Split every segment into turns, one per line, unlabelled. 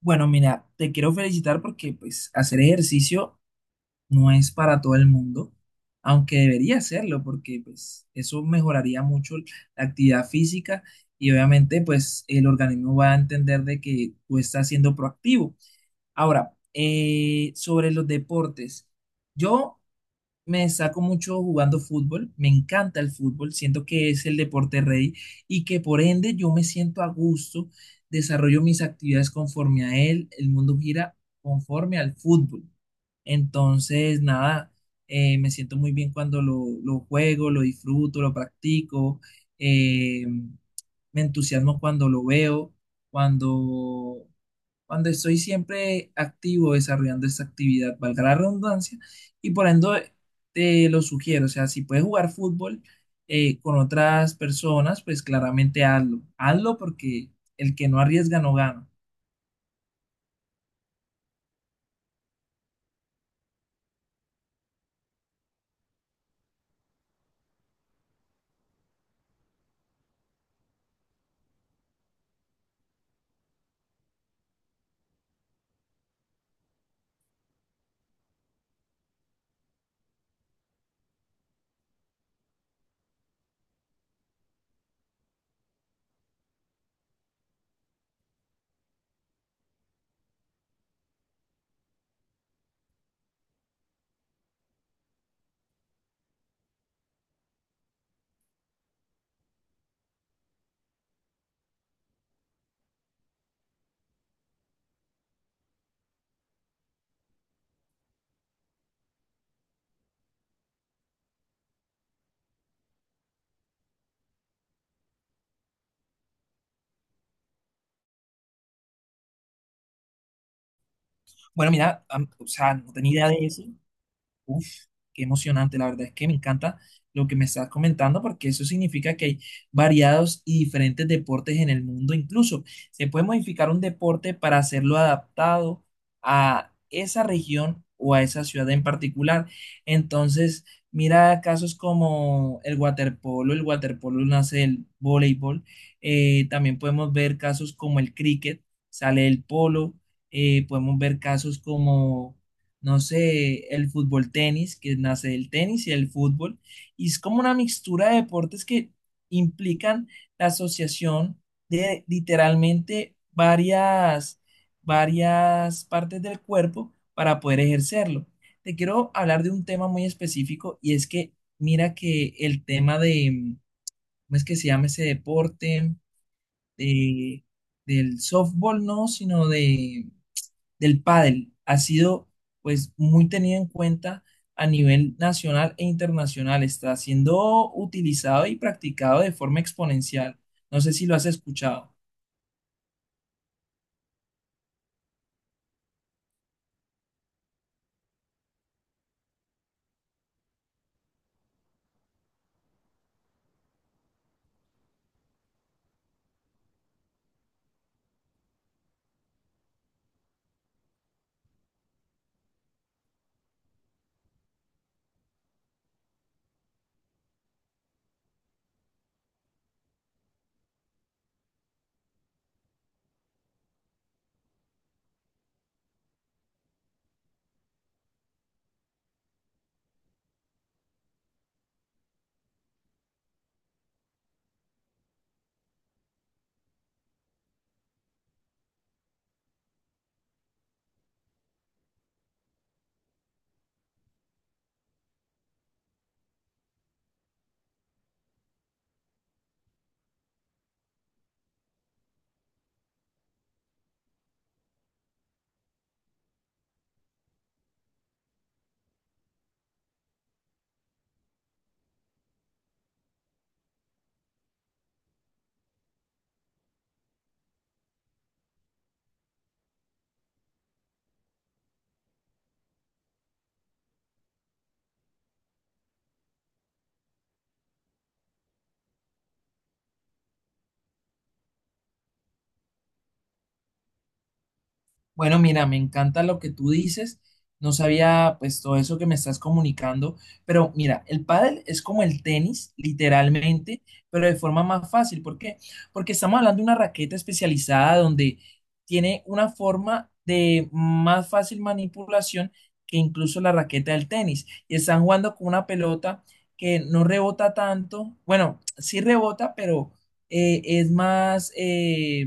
Bueno, mira, te quiero felicitar porque pues hacer ejercicio no es para todo el mundo, aunque debería hacerlo porque pues eso mejoraría mucho la actividad física y obviamente pues el organismo va a entender de que tú estás siendo proactivo. Ahora, sobre los deportes, yo me destaco mucho jugando fútbol, me encanta el fútbol, siento que es el deporte rey y que por ende yo me siento a gusto, desarrollo mis actividades conforme a él, el mundo gira conforme al fútbol. Entonces, nada, me siento muy bien cuando lo juego, lo disfruto, lo practico. eh, Me entusiasmo cuando lo veo, cuando, cuando estoy siempre activo desarrollando esta actividad, valga la redundancia, y por ende te lo sugiero, o sea, si puedes jugar fútbol con otras personas, pues claramente hazlo, hazlo porque el que no arriesga no gana. Bueno, mira, o sea, no tenía idea de eso. Uf, qué emocionante, la verdad es que me encanta lo que me estás comentando porque eso significa que hay variados y diferentes deportes en el mundo. Incluso se puede modificar un deporte para hacerlo adaptado a esa región o a esa ciudad en particular. Entonces, mira casos como el waterpolo nace del voleibol. También podemos ver casos como el cricket, sale el polo. Podemos ver casos como no sé, el fútbol tenis, que nace del tenis y el fútbol, y es como una mixtura de deportes que implican la asociación de literalmente varias partes del cuerpo para poder ejercerlo. Te quiero hablar de un tema muy específico y es que mira que el tema de, ¿cómo es que se llama ese deporte? De, del softball, no, sino de del pádel ha sido pues muy tenido en cuenta a nivel nacional e internacional. Está siendo utilizado y practicado de forma exponencial. No sé si lo has escuchado. Bueno, mira, me encanta lo que tú dices. No sabía pues todo eso que me estás comunicando, pero mira, el pádel es como el tenis, literalmente, pero de forma más fácil. ¿Por qué? Porque estamos hablando de una raqueta especializada donde tiene una forma de más fácil manipulación que incluso la raqueta del tenis. Y están jugando con una pelota que no rebota tanto. Bueno, sí rebota, pero es más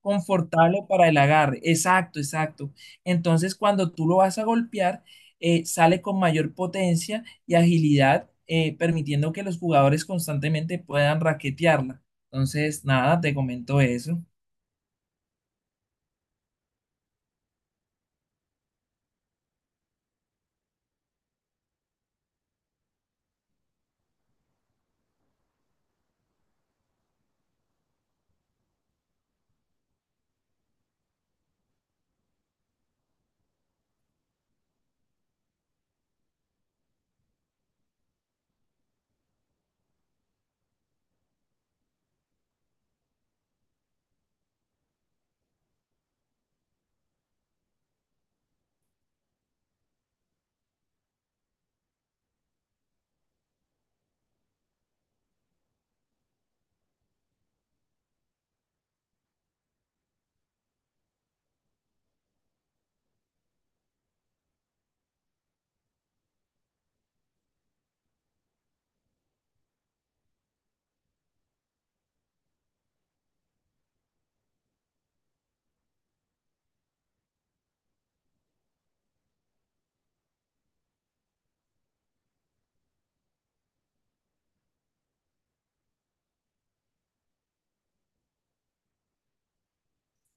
confortable para el agarre. Exacto, exacto. Entonces, cuando tú lo vas a golpear, sale con mayor potencia y agilidad, permitiendo que los jugadores constantemente puedan raquetearla. Entonces, nada, te comento eso.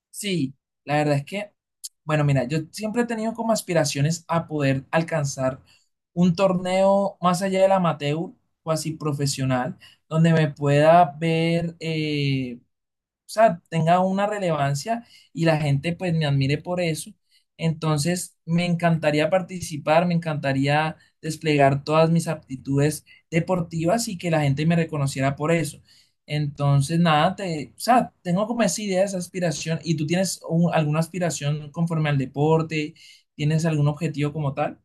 Sí, la verdad es que, bueno, mira, yo siempre he tenido como aspiraciones a poder alcanzar un torneo más allá del amateur, o así profesional, donde me pueda ver, o sea, tenga una relevancia y la gente pues me admire por eso. Entonces, me encantaría participar, me encantaría desplegar todas mis aptitudes deportivas y que la gente me reconociera por eso. Entonces, nada, o sea, tengo como esa idea, esa aspiración. ¿Y tú tienes alguna aspiración conforme al deporte? ¿Tienes algún objetivo como tal?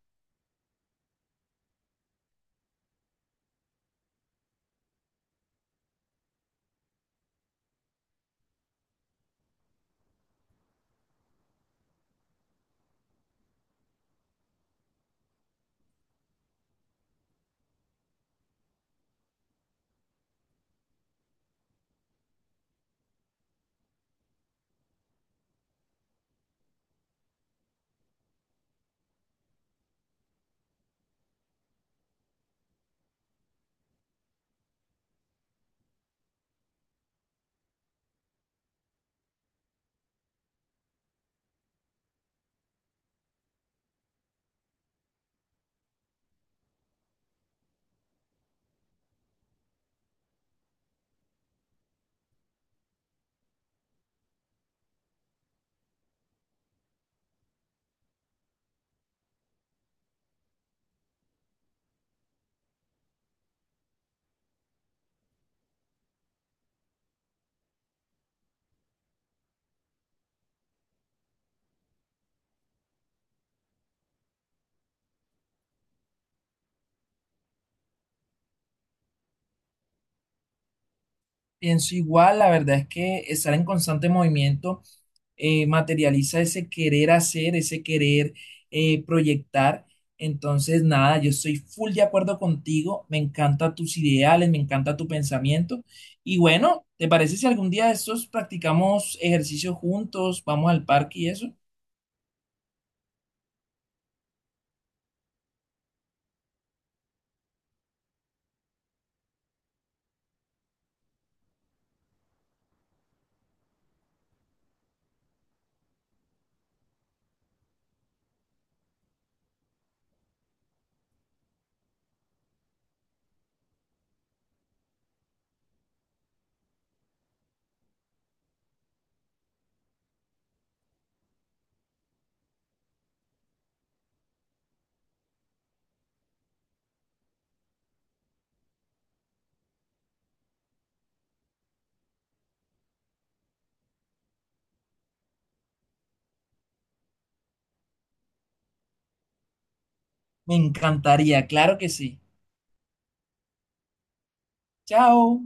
Pienso igual, la verdad es que estar en constante movimiento materializa ese querer hacer, ese querer proyectar. Entonces, nada, yo estoy full de acuerdo contigo, me encantan tus ideales, me encanta tu pensamiento. Y bueno, ¿te parece si algún día de estos practicamos ejercicio juntos, vamos al parque y eso? Me encantaría, claro que sí. Chao.